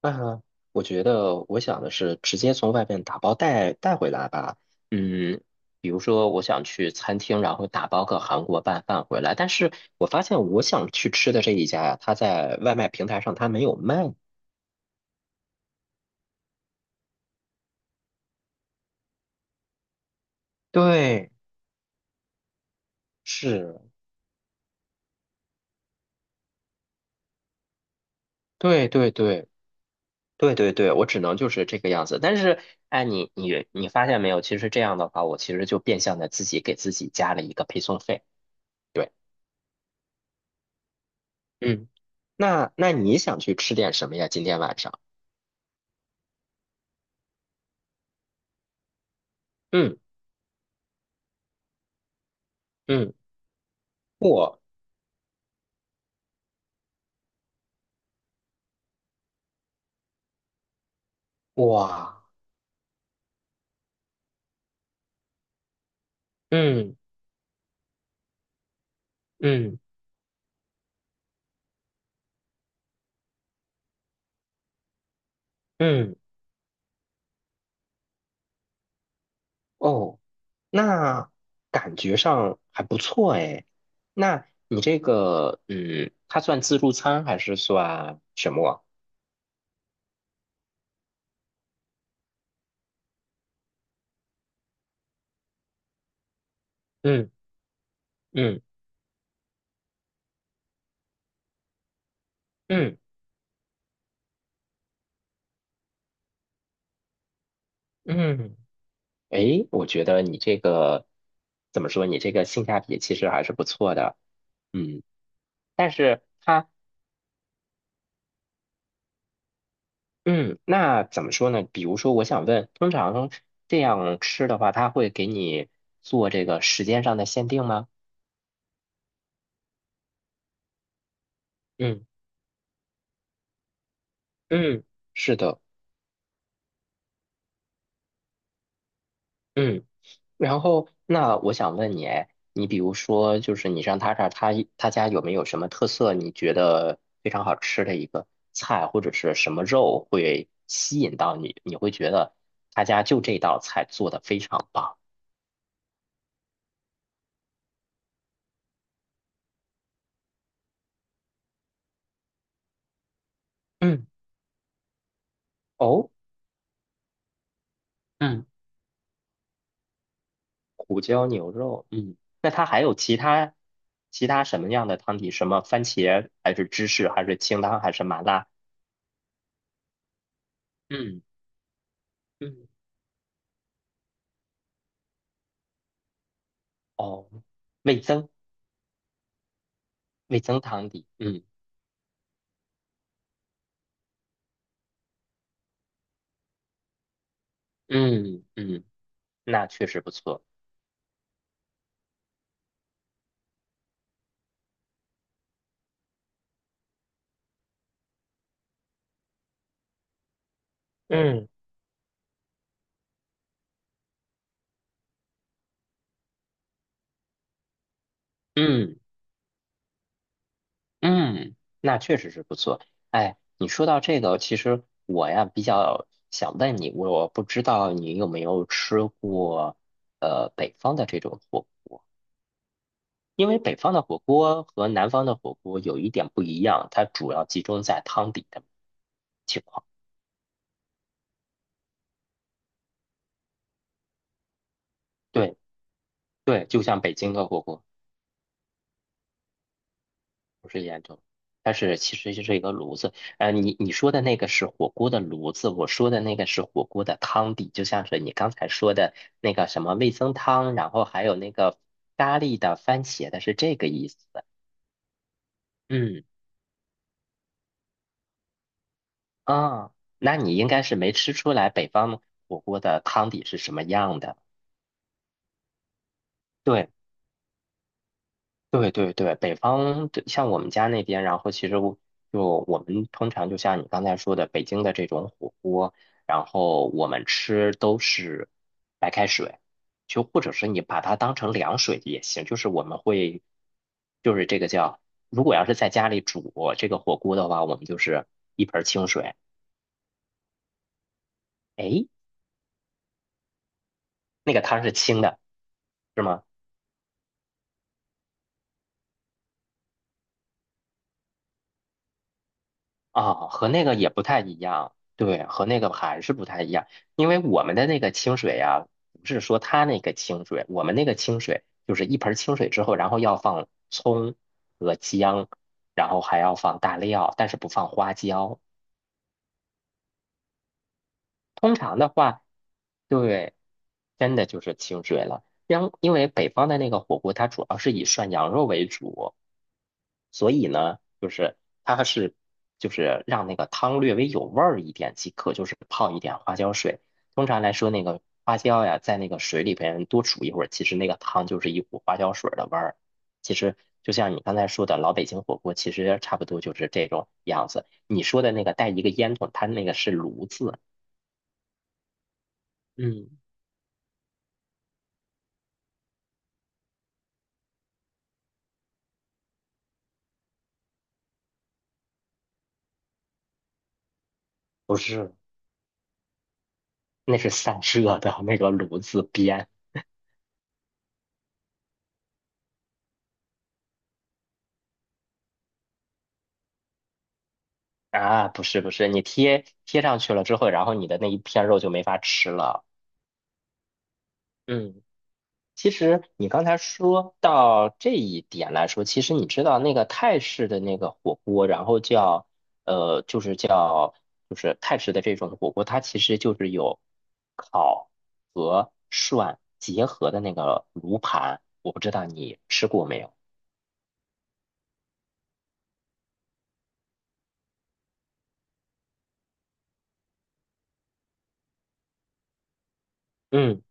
啊，我觉得我想的是直接从外面打包带回来吧。嗯，比如说我想去餐厅，然后打包个韩国拌饭回来，但是我发现我想去吃的这一家呀，他在外卖平台上他没有卖。对，是，对对对，对，我只能就是这个样子。但是，哎，你发现没有？其实这样的话，我其实就变相的自己给自己加了一个配送费。对，嗯，那你想去吃点什么呀？今天晚上？嗯。嗯，哇，嗯嗯嗯，哦，那感觉上还不错哎。那你这个，嗯，它算自助餐还是算什么啊？嗯嗯嗯嗯，诶，我觉得你这个怎么说？你这个性价比其实还是不错的。嗯，但是它，嗯，那怎么说呢？比如说，我想问，通常这样吃的话，它会给你做这个时间上的限定吗？嗯。嗯，是的，嗯，然后那我想问你，哎，你比如说，就是你上他这儿，他他家有没有什么特色？你觉得非常好吃的一个菜，或者是什么肉会吸引到你？你会觉得他家就这道菜做的非常棒。嗯，哦，嗯胡椒牛肉，嗯，那它还有其他其他什么样的汤底？什么番茄还是芝士还是清汤还是麻辣？嗯嗯，哦，味增。味增汤底，嗯嗯嗯，那确实不错，嗯嗯嗯，那确实是不错。哎，你说到这个，其实我呀比较想问你，我不知道你有没有吃过北方的这种火锅，因为北方的火锅和南方的火锅有一点不一样，它主要集中在汤底的情况。对对，就像北京的火锅。不是烟囱，它是其实就是一个炉子。你你说的那个是火锅的炉子，我说的那个是火锅的汤底，就像是你刚才说的那个什么味增汤，然后还有那个咖喱的、番茄的，是这个意思。嗯啊，那你应该是没吃出来北方火锅的汤底是什么样的。对。对对对，北方的像我们家那边，然后其实我就我们通常就像你刚才说的，北京的这种火锅，然后我们吃都是白开水，就或者是你把它当成凉水也行，就是我们会，就是这个叫，如果要是在家里煮这个火锅的话，我们就是一盆儿清水，诶，那个汤是清的，是吗？啊，和那个也不太一样，对，和那个还是不太一样，因为我们的那个清水呀，不是说它那个清水，我们那个清水就是一盆儿清水之后，然后要放葱和姜，然后还要放大料，但是不放花椒。通常的话，对，真的就是清水了。因为北方的那个火锅，它主要是以涮羊肉为主。所以呢，就是它是就是让那个汤略微有味儿一点即可，就是泡一点花椒水。通常来说，那个花椒呀，在那个水里边多煮一会儿，其实那个汤就是一股花椒水儿的味儿。其实就像你刚才说的，老北京火锅其实差不多就是这种样子。你说的那个带一个烟筒，它那个是炉子，嗯，不是，那是散热的那个炉子边啊，不是不是，你贴贴上去了之后，然后你的那一片肉就没法吃了。嗯，其实你刚才说到这一点来说，其实你知道那个泰式的那个火锅，然后叫就是叫就是泰式的这种火锅，它其实就是有烤和涮结合的那个炉盘，我不知道你吃过没有？嗯，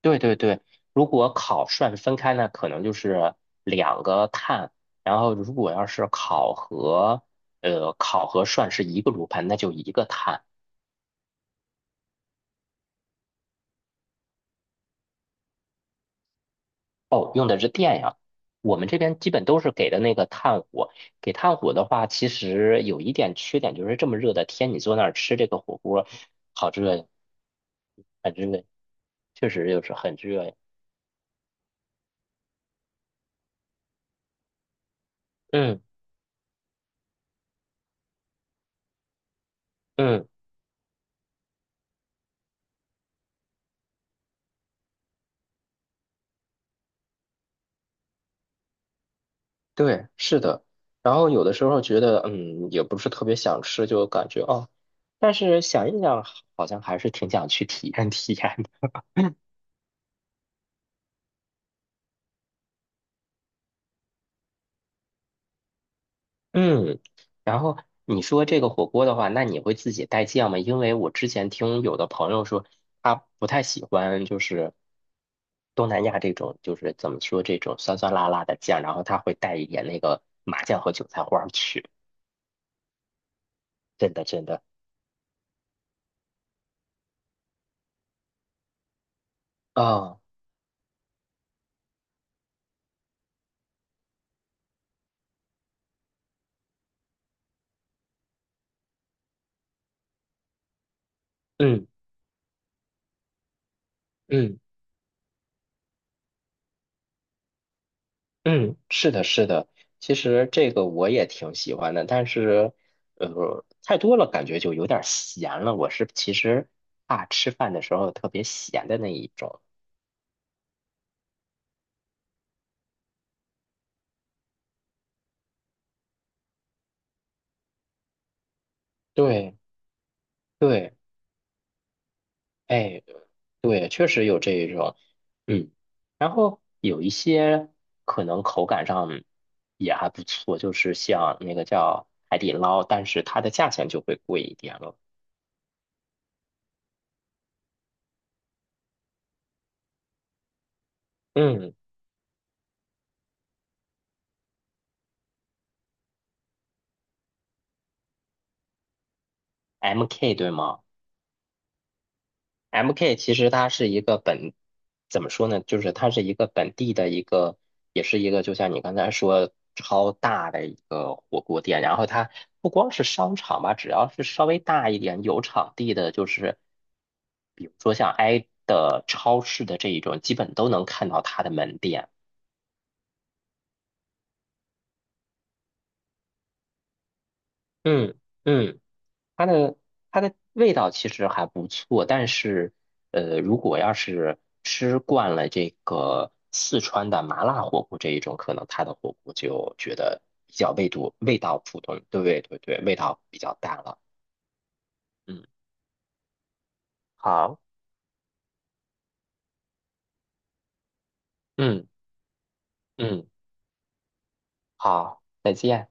对对对，如果烤涮分开呢，可能就是两个碳，然后如果要是烤和烤和涮是一个炉盘，那就一个碳。哦，用的是电呀。我们这边基本都是给的那个炭火。给炭火的话，其实有一点缺点，就是这么热的天，你坐那儿吃这个火锅，好热呀，很热呀，确实就是很热呀。嗯嗯，对，是的。然后有的时候觉得，嗯，也不是特别想吃，就感觉哦，但是想一想，好像还是挺想去体验体验的。嗯，然后你说这个火锅的话，那你会自己带酱吗？因为我之前听有的朋友说，他不太喜欢就是东南亚这种，就是怎么说这种酸酸辣辣的酱，然后他会带一点那个麻酱和韭菜花儿去。真的，真的啊，嗯嗯嗯，是的，是的。其实这个我也挺喜欢的，但是太多了感觉就有点儿咸了。我是其实怕吃饭的时候特别咸的那一种。对对，哎，对，确实有这一种，嗯，然后有一些可能口感上也还不错，就是像那个叫海底捞，但是它的价钱就会贵一点了。嗯，MK 对吗？MK 其实它是一个本，怎么说呢？就是它是一个本地的一个，也是一个，就像你刚才说超大的一个火锅店。然后它不光是商场吧，只要是稍微大一点有场地的，就是比如说像挨的超市的这一种，基本都能看到它的门店。嗯嗯。它的它的味道其实还不错，但是如果要是吃惯了这个四川的麻辣火锅这一种，可能它的火锅就觉得比较味度味道普通，对对对，味道比较淡了。嗯，好，嗯嗯，好，再见。